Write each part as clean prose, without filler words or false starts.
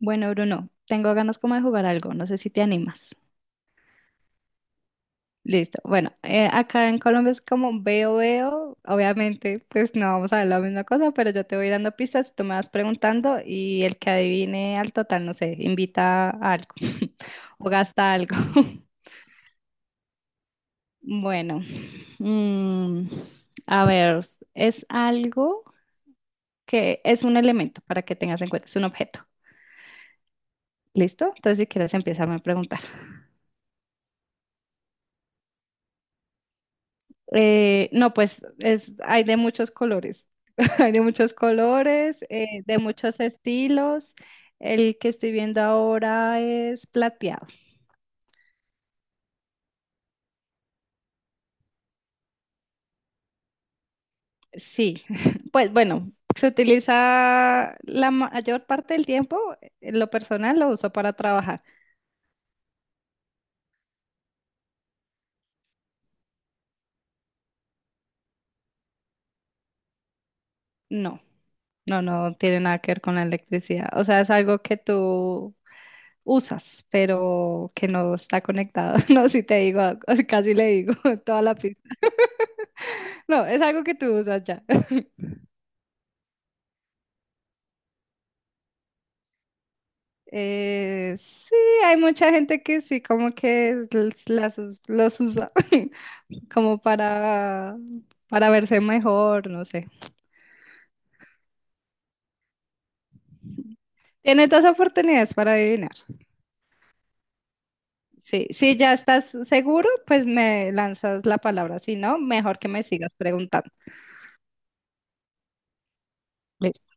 Bueno, Bruno, tengo ganas como de jugar algo, no sé si te animas. Listo. Bueno, acá en Colombia es como veo, veo. Obviamente, pues no vamos a ver la misma cosa, pero yo te voy dando pistas, tú me vas preguntando y el que adivine al total, no sé, invita a algo o gasta algo. Bueno, mm, a ver, es algo que es un elemento para que tengas en cuenta, es un objeto. ¿Listo? Entonces, si quieres, empieza a preguntar. No, pues es, hay de muchos colores, hay de muchos colores, de muchos estilos. El que estoy viendo ahora es plateado. Sí, pues bueno, se utiliza la mayor parte del tiempo, en lo personal lo uso para trabajar. No, no, no tiene nada que ver con la electricidad. O sea, es algo que tú usas, pero que no está conectado. No, si te digo, casi le digo toda la pista. No, es algo que tú usas ya. Sí, hay mucha gente que sí, como que los usa como para verse mejor, no sé. Tienes dos oportunidades para adivinar. Sí, si ya estás seguro, pues me lanzas la palabra. Si no, mejor que me sigas preguntando. Listo.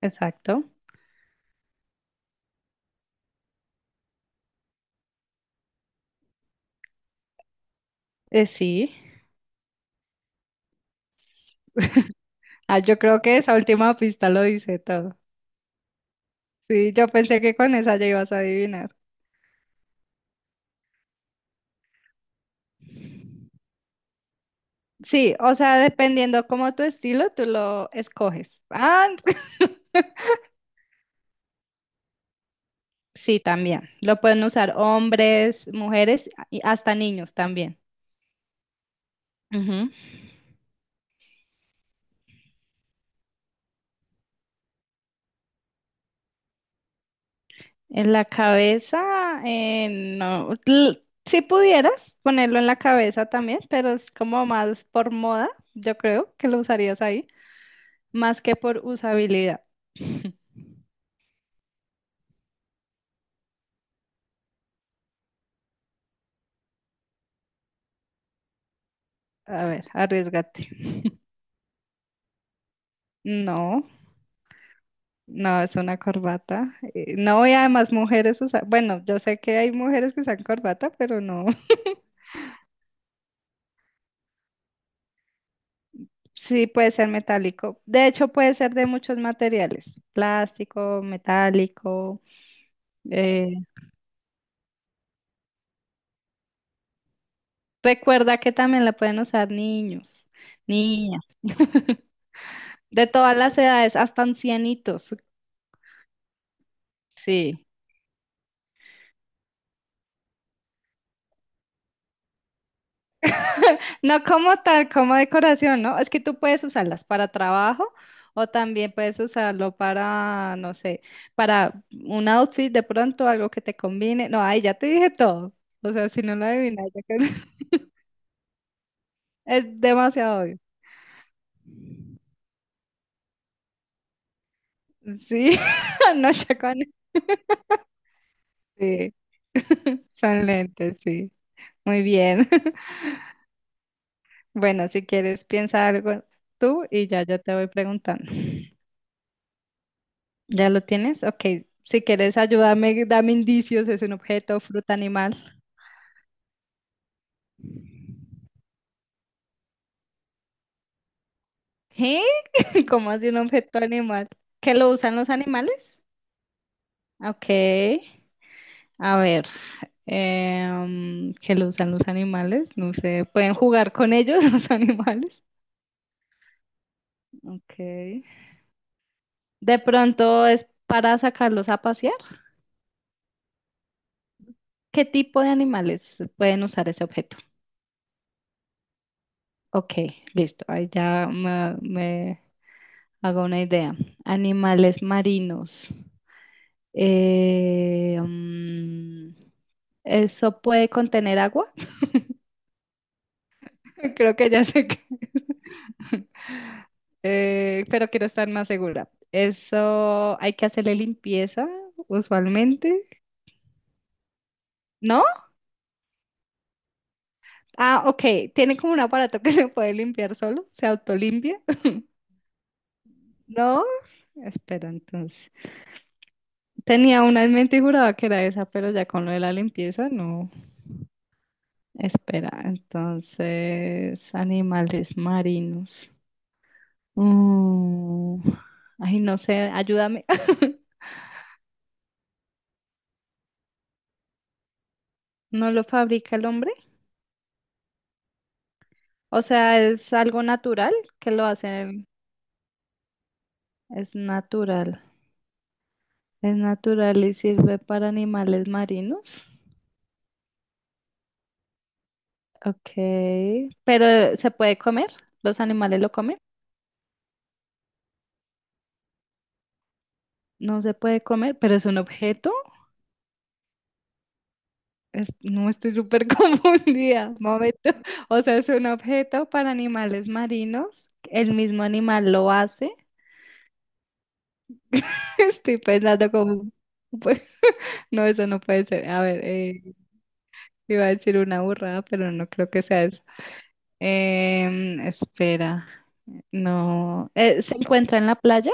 Exacto. Sí. Ah, yo creo que esa última pista lo dice todo. Sí, yo pensé que con esa ya ibas a adivinar. Sí, o sea, dependiendo como tu estilo, tú lo escoges. Ah, Sí, también. Lo pueden usar hombres, mujeres y hasta niños también. Ujú. En la cabeza, no. Si pudieras ponerlo en la cabeza también, pero es como más por moda, yo creo que lo usarías ahí, más que por usabilidad. A ver, arriesgate. No, no es una corbata. No, y además mujeres usan, bueno, yo sé que hay mujeres que usan corbata, pero no. Sí, puede ser metálico. De hecho, puede ser de muchos materiales, plástico, metálico. eh, recuerda que también la pueden usar niños, niñas, de todas las edades, hasta ancianitos. Sí. No como tal, como decoración, ¿no? Es que tú puedes usarlas para trabajo o también puedes usarlo para, no sé, para un outfit de pronto, algo que te combine. No, ahí ya te dije todo. O sea, si no lo adivinas, es demasiado obvio. Sí, no chacones. Sí, son lentes, sí. Muy bien. Bueno, si quieres, piensa algo tú y ya yo te voy preguntando. ¿Ya lo tienes? Ok. Si quieres, ayúdame, dame indicios. ¿Es un objeto, fruta, animal? ¿Qué? ¿Cómo así un objeto animal? ¿Que lo usan los animales? Ok. A ver. ¿Que lo usan los animales? No sé. ¿Pueden jugar con ellos los animales? Ok. De pronto es para sacarlos a pasear. ¿Qué tipo de animales pueden usar ese objeto? Ok, listo. Ahí ya me hago una idea. Animales marinos. Eh, mm, ¿Eso puede contener agua? Creo que ya sé que... pero quiero estar más segura. Eso hay que hacerle limpieza usualmente. ¿No? Ah, ok. Tiene como un aparato que se puede limpiar solo, se autolimpia. No, espera, entonces. Tenía una en mente y juraba que era esa, pero ya con lo de la limpieza, no. Espera, entonces, animales marinos. Mm, Ay, no sé, ayúdame. ¿No lo fabrica el hombre? O sea, es algo natural que lo hacen. Es natural. Es natural y sirve para animales marinos. Ok. Pero ¿se puede comer? ¿Los animales lo comen? No se puede comer, pero es un objeto. No estoy súper confundida. Momento. O sea, es un objeto para animales marinos. El mismo animal lo hace. Estoy pensando como... pues, No, eso no puede ser. A ver, iba a decir una burrada, pero no creo que sea eso. Espera. No. ¿Se encuentra en la playa?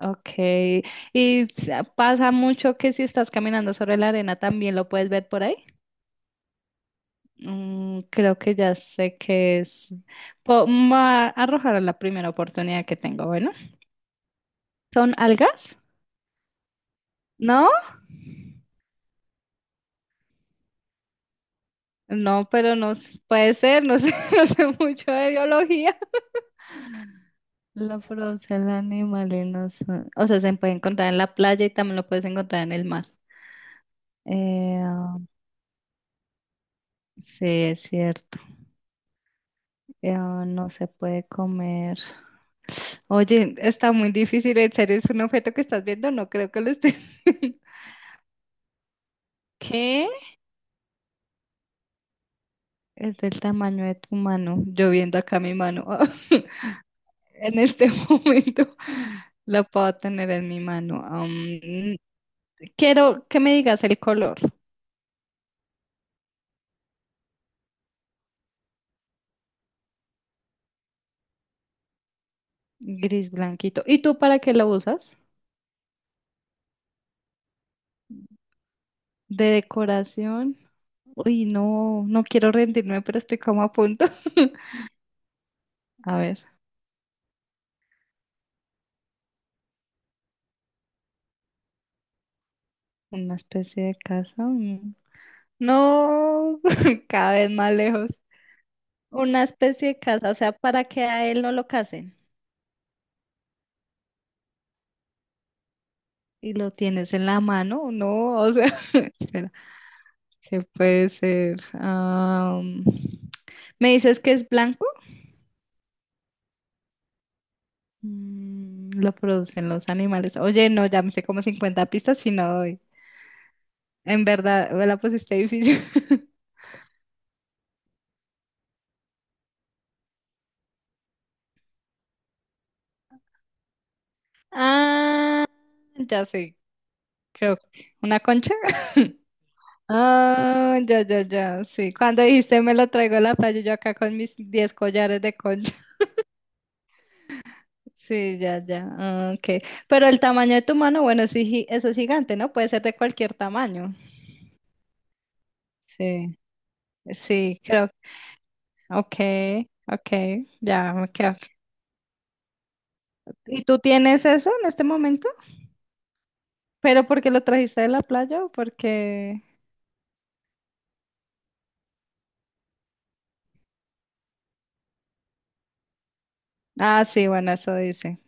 Okay, y pasa mucho que si estás caminando sobre la arena también lo puedes ver por ahí. Mm, creo que ya sé qué es. Po- me Voy a arrojar a la primera oportunidad que tengo. Bueno, ¿son algas? ¿No? No, pero puede ser, no sé, no sé mucho de biología. Lo produce el animal y no son- O sea, se puede encontrar en la playa y también lo puedes encontrar en el mar. Eh, ah, sí, es cierto. No se puede comer. Oye, está muy difícil, ¿en serio es un objeto que estás viendo? No creo que lo estés viendo. ¿Qué? Es del tamaño de tu mano. Yo viendo acá mi mano. En este momento la puedo tener en mi mano. Quiero que me digas el color. Gris blanquito. ¿Y tú para qué lo usas? ¿De decoración? Uy, no, no quiero rendirme, pero estoy como a punto. A ver, una especie de casa. Mm. No, cada vez más lejos. Una especie de casa, o sea, para que a él no lo casen. Y lo tienes en la mano, no, o sea, espera, ¿qué puede ser? ¿Me dices que es blanco? Mm, lo producen los animales. Oye, no, ya me sé como 50 pistas y no doy. En verdad, me la pusiste difícil. Ah, ya sé, creo que una concha. Ah, ya, ya, ya, sí. Cuando dijiste me lo traigo a la playa, yo acá con mis 10 collares de concha. Sí, ya, ya. Ok. Pero el tamaño de tu mano, bueno, sí, eso es gigante, ¿no? Puede ser de cualquier tamaño. Sí, sí, creo. Ok, ok, ya me quedo. ¿Y tú tienes eso en este momento? ¿Pero porque lo trajiste de la playa o porque...? Ah, sí, bueno, eso dice.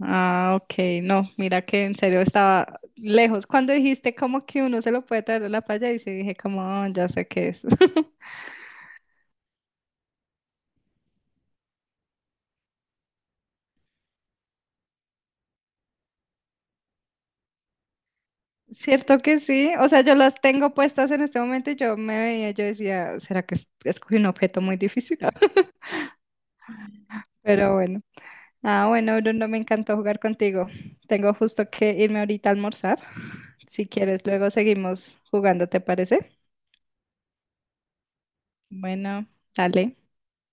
Ah, ok, no, mira que en serio estaba lejos. Cuando dijiste como que uno se lo puede traer de la playa, y sí dije como, "Ah, ya sé qué es." Cierto que sí, o sea, yo las tengo puestas en este momento y yo me veía, yo decía, ¿será que escogí un objeto muy difícil? Pero bueno. Ah, bueno, Bruno, me encantó jugar contigo. Tengo justo que irme ahorita a almorzar. Si quieres, luego seguimos jugando, ¿te parece? Bueno, dale.